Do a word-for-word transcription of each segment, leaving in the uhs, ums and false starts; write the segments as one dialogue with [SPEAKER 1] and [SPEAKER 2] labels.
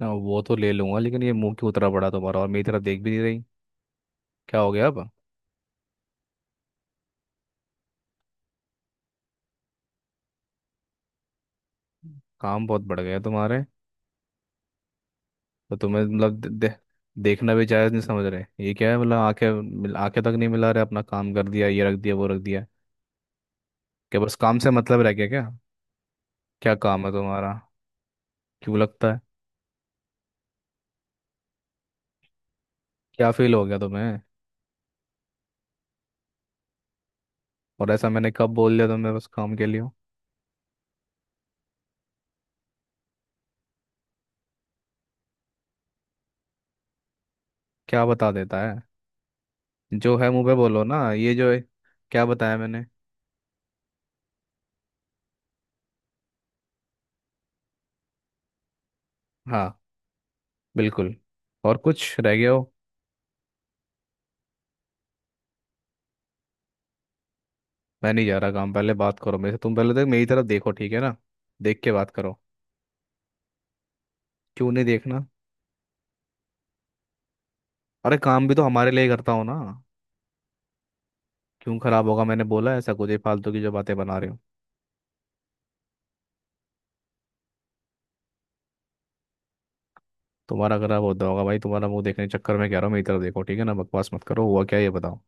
[SPEAKER 1] ना वो तो ले लूंगा लेकिन ये मुंह क्यों उतरा पड़ा तुम्हारा और मेरी तरफ देख भी नहीं रही। क्या हो गया अब। काम बहुत बढ़ गया तुम्हारे तो तुम्हें मतलब दे, दे, देखना भी जायज नहीं समझ रहे ये क्या है मतलब आंखें मिल- आंखें तक नहीं मिला रहे, अपना काम कर दिया, ये रख दिया वो रख दिया, क्या बस काम से मतलब रह गया क्या? क्या काम है तुम्हारा? क्यों लगता है? क्या फील हो गया तुम्हें? और ऐसा मैंने कब बोल दिया तुम्हें बस काम के लिए हो? क्या बता देता है? जो है मुंह पे बोलो ना, ये जो है क्या बताया मैंने? हाँ, बिल्कुल। और कुछ रह गया हो? मैं नहीं जा रहा काम, पहले बात करो मेरे से तुम, पहले तक मेरी तरफ देखो ठीक है ना। देख के बात करो। क्यों नहीं देखना? अरे काम भी तो हमारे लिए ही करता हो ना। क्यों खराब होगा? मैंने बोला ऐसा कुछ? ये फालतू की जो बातें बना रहे हो। तुम्हारा खराब होता होगा भाई, तुम्हारा मुंह देखने के चक्कर में कह रहा हूँ, मेरी तरफ देखो ठीक है ना, बकवास मत करो, हुआ क्या ये बताओ।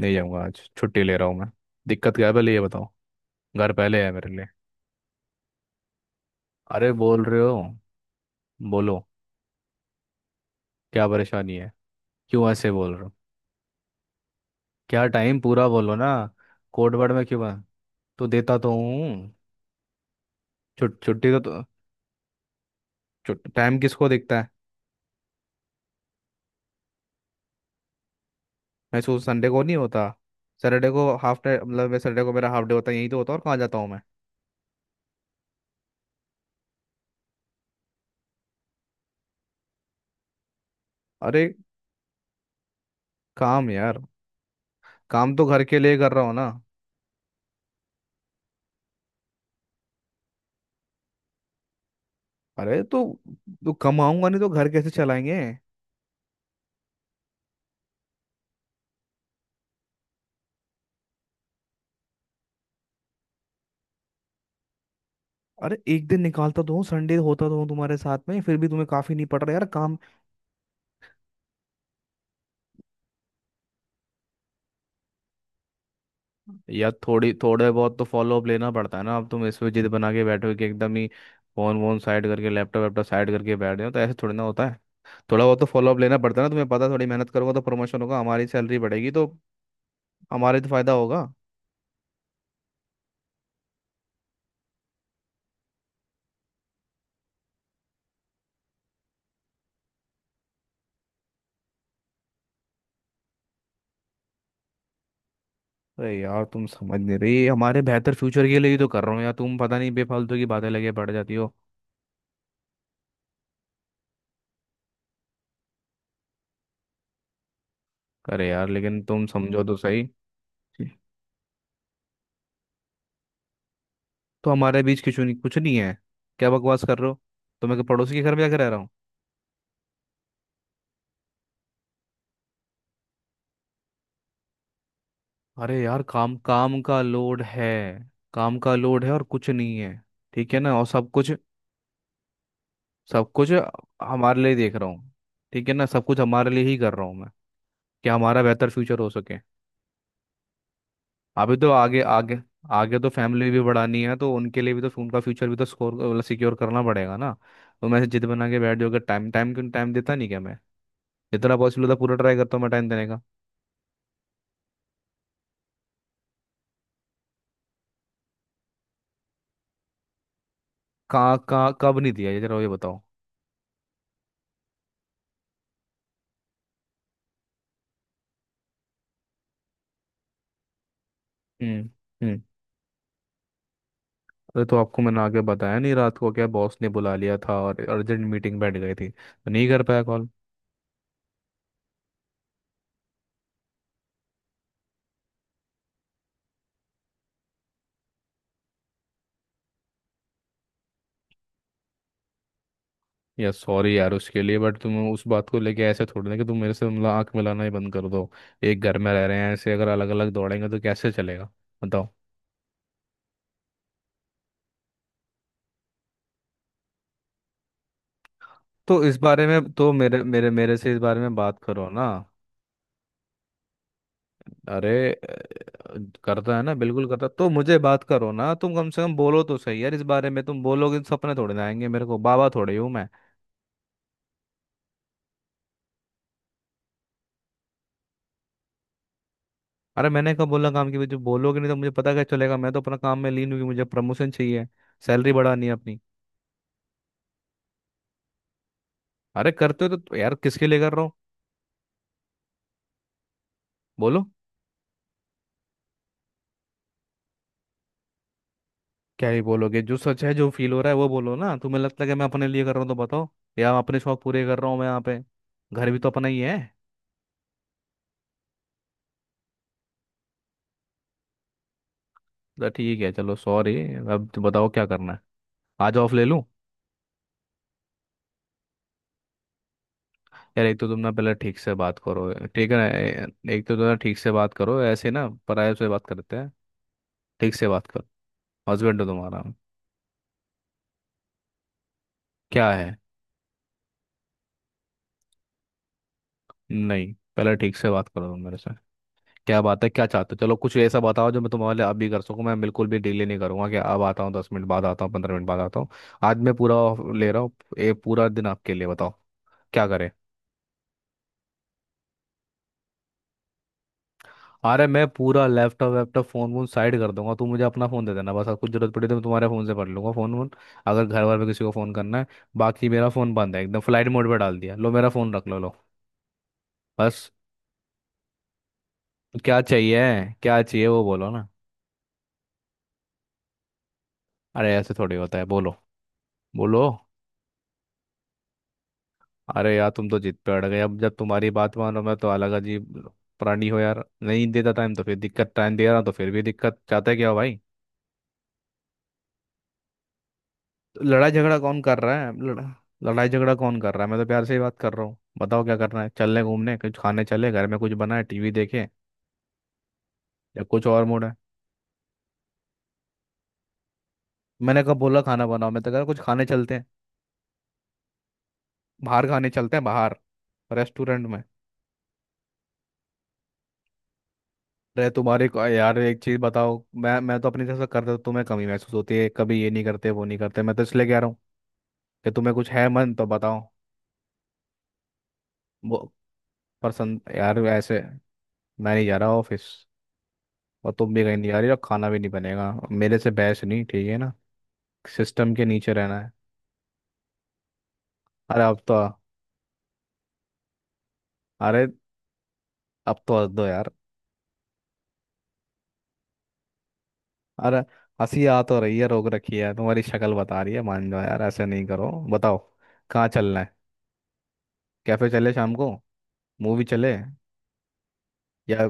[SPEAKER 1] नहीं जाऊंगा, आज छुट्टी ले रहा हूँ मैं। दिक्कत क्या है पहले ये बताओ। घर पहले है मेरे लिए। अरे बोल रहे हो, बोलो, क्या परेशानी है? क्यों ऐसे बोल रहे हो? क्या टाइम? पूरा बोलो ना। कोड वर्ड में क्यों है? तो देता तो हूँ। छु- छुट्टी तो। टाइम किसको दिखता है? मैं सोच, संडे को नहीं होता, सैटरडे को हाफ डे, मतलब मैं सैटरडे को, मेरा हाफ डे होता है, यही तो होता है और कहाँ जाता हूँ मैं। अरे काम यार, काम तो घर के लिए कर रहा हूँ ना। अरे तो तो कमाऊंगा नहीं तो घर कैसे चलाएंगे। अरे एक दिन निकालता तो हूँ, संडे होता तो हूँ तुम्हारे साथ में, फिर भी तुम्हें काफी नहीं पड़ रहा यार काम। यार थोड़ी, थोड़े बहुत तो फॉलोअप लेना पड़ता है ना, अब तुम इस पे जिद बना के बैठे हो कि एकदम ही फोन वोन साइड करके लैपटॉप वैपटॉप साइड करके बैठ गए हो, तो ऐसे थोड़ी ना होता है। थोड़ा बहुत तो फॉलोअप लेना पड़ता है ना, तुम्हें पता है, थोड़ी मेहनत करूंगा तो प्रमोशन होगा, हमारी सैलरी बढ़ेगी, तो हमारे तो फायदा होगा। अरे यार तुम समझ नहीं रही, ये हमारे बेहतर फ्यूचर के लिए ही तो कर रहा हूँ यार, तुम पता नहीं बेफालतू की बातें लगे पड़ जाती हो। अरे यार लेकिन तुम समझो तो सही। तो हमारे बीच कुछ नहीं, कुछ नहीं है? क्या बकवास कर रहे हो? तो मैं क्या पड़ोसी के घर में जाकर रह रहा हूँ? अरे यार काम, काम का लोड है, काम का लोड है और कुछ नहीं है, ठीक है ना, और सब कुछ, सब कुछ हमारे लिए देख रहा हूँ, ठीक है ना, सब कुछ हमारे लिए ही कर रहा हूँ मैं, कि हमारा बेहतर फ्यूचर हो सके। अभी तो आगे, आगे आगे तो फैमिली भी बढ़ानी है, तो उनके लिए भी, तो उनका फ्यूचर भी तो स्कोर मतलब सिक्योर करना पड़ेगा ना। तो मैं ऐसे जिद बना के बैठ जाऊंगा, टाइम टाइम क्यों, टाइम देता नहीं क्या मैं? जितना पॉसिबल होता है पूरा ट्राई करता हूँ मैं टाइम देने का। कहाँ कहाँ कब नहीं दिया ये जरा ये बताओ। हम्म। हम्म। अरे तो आपको मैंने आगे बताया नहीं, रात को क्या बॉस ने बुला लिया था और अर्जेंट मीटिंग बैठ गई थी, तो नहीं कर पाया कॉल। यार सॉरी यार उसके लिए, बट तुम उस बात को लेके ऐसे थोड़ी ना कि तुम मेरे से मतलब आंख मिलाना ही बंद कर दो। एक घर में रह रहे हैं, ऐसे अगर अलग अलग दौड़ेंगे तो कैसे चलेगा बताओ। तो इस बारे में तो मेरे मेरे मेरे से इस बारे में बात करो ना। अरे अ, करता है ना बिल्कुल करता है। तो मुझे बात करो ना, तुम कम से कम बोलो तो सही यार इस बारे में, तुम बोलोगे तो, सपने थोड़े ना आएंगे मेरे को, बाबा थोड़े ही हूँ मैं। अरे मैंने कब बोला काम के बीच में, बोलोगे नहीं तो मुझे पता क्या चलेगा, मैं तो अपना काम में लीन हूँ कि मुझे प्रमोशन चाहिए, सैलरी बढ़ानी है अपनी। अरे करते हो तो तो यार किसके लिए कर रहा हूँ बोलो। क्या ही बोलोगे, जो सच है जो फील हो रहा है वो बोलो ना, तुम्हें लगता है कि मैं अपने लिए कर रहा हूँ तो बताओ, या अपने शौक पूरे कर रहा हूँ मैं यहाँ पे? घर भी तो अपना ही है। तो ठीक है चलो सॉरी, अब तो बताओ क्या करना है, आज ऑफ ले लूँ? यार एक तो तुम ना पहले ठीक से बात करो, ठीक है ना। ए- एक तो तुम ना ठीक से बात करो, ऐसे ना पराये से बात करते हैं, ठीक से बात करो, हस्बैंड हो तुम्हारा। क्या है? नहीं पहले ठीक से बात करो तुम मेरे से, क्या बात है क्या चाहते हो, चलो कुछ ऐसा बताओ जो मैं तुम्हारे लिए अब भी कर सकूं, मैं बिल्कुल भी डिले नहीं करूंगा कि अब आता हूँ, दस मिनट बाद आता हूँ, पंद्रह मिनट बाद आता हूँ। आज मैं पूरा off ले रहा हूँ, ये पूरा दिन आपके लिए, बताओ क्या करें। अरे मैं पूरा लैपटॉप वैपटॉप फोन वोन साइड कर दूंगा, तू मुझे अपना फोन दे देना बस, अब कुछ जरूरत पड़ी तो मैं तुम्हारे फोन से पढ़ लूंगा फोन वोन, अगर घर वाले में किसी को फोन करना है, बाकी मेरा फोन बंद है एकदम, फ्लाइट मोड पे डाल दिया, लो मेरा फोन रख लो, लो बस। क्या चाहिए? क्या चाहिए वो बोलो ना। अरे ऐसे थोड़ी होता है, बोलो, बोलो। अरे यार तुम तो जिद पे अड़ गए, अब जब तुम्हारी बात मानो मैं तो अलग, अजीब प्राणी हो यार, नहीं देता टाइम तो फिर दिक्कत, टाइम दे रहा हूं तो फिर भी दिक्कत, चाहते क्या हो भाई। तो लड़ाई झगड़ा कौन कर रहा है? लड़, लड़ाई झगड़ा कौन कर रहा है, मैं तो प्यार से ही बात कर रहा हूँ, बताओ क्या करना है, चलने घूमने, कुछ खाने चले, घर में कुछ बना है टीवी देखे, या कुछ और मूड है? मैंने कब बोला खाना बनाओ, मैं तो कह रहा कुछ खाने चलते हैं, बाहर खाने चलते हैं बाहर, रेस्टोरेंट में। अरे तुम्हारे को- यार एक चीज बताओ, मैं मैं तो अपनी तरफ से करता हूँ, तुम्हें कमी महसूस होती है कभी, ये नहीं करते वो नहीं करते, मैं तो इसलिए कह रहा हूँ कि तुम्हें कुछ है मन तो बताओ। वो पसंद यार ऐसे। मैं नहीं जा रहा ऑफिस और तुम भी कहीं नहीं जा रही और खाना भी नहीं बनेगा, मेरे से बहस नहीं, ठीक है ना, सिस्टम के नीचे रहना है। अरे अब तो, अरे अब तो हंस दो यार। अरे हंसी आ तो रही है, रोक रखी है, तुम्हारी शक्ल बता रही है, मान जाओ यार ऐसे नहीं करो, बताओ कहाँ चलना है, कैफे चले शाम को, मूवी चले, या,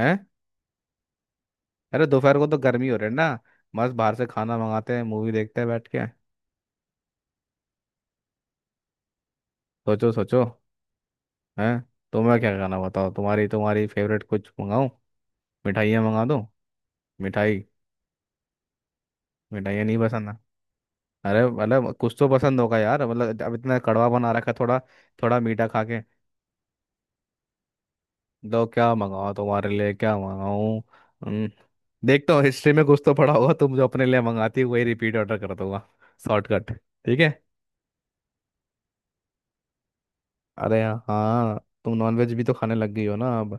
[SPEAKER 1] हैं? अरे दोपहर को तो गर्मी हो रही है ना, मस्त बाहर से खाना मंगाते हैं, मूवी देखते हैं बैठ के, सोचो सोचो। हैं? तुम्हें क्या खाना बताओ, तुम्हारी तुम्हारी फेवरेट कुछ मंगाऊं, मिठाइयाँ मंगा दूं, मिठाई? मिठाइयाँ नहीं पसंद है? अरे मतलब कुछ तो पसंद होगा यार, मतलब अब इतना कड़वा बना रखा है, थोड़ा, थोड़ा मीठा खा के। तो क्या मंगाऊं तुम्हारे लिए, क्या मंगाऊं? हम्म, देखता हूँ हिस्ट्री में कुछ तो पड़ा होगा, तुम जो अपने लिए मंगाती है वही रिपीट ऑर्डर कर दूंगा, शॉर्टकट, ठीक है। अरे हाँ, तुम नॉनवेज भी तो खाने लग गई हो ना अब,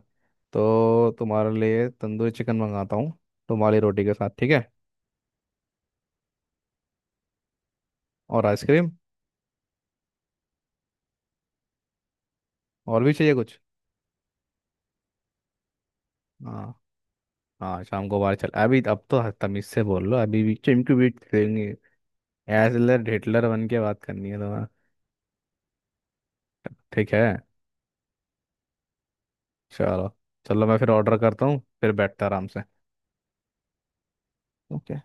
[SPEAKER 1] तो तुम्हारे लिए तंदूरी चिकन मंगाता हूँ, तुम्हारी रोटी के साथ, ठीक है, और आइसक्रीम, और भी चाहिए कुछ? हाँ, हाँ शाम को बाहर चल, अभी अब तो तमीज से बोल लो, अभी भी चिमकी बीट देंगे, एजलर हिटलर बन के बात करनी है तुम्हें? ठीक है। चलो, चलो मैं फिर ऑर्डर करता हूँ, फिर बैठता आराम से। ओके।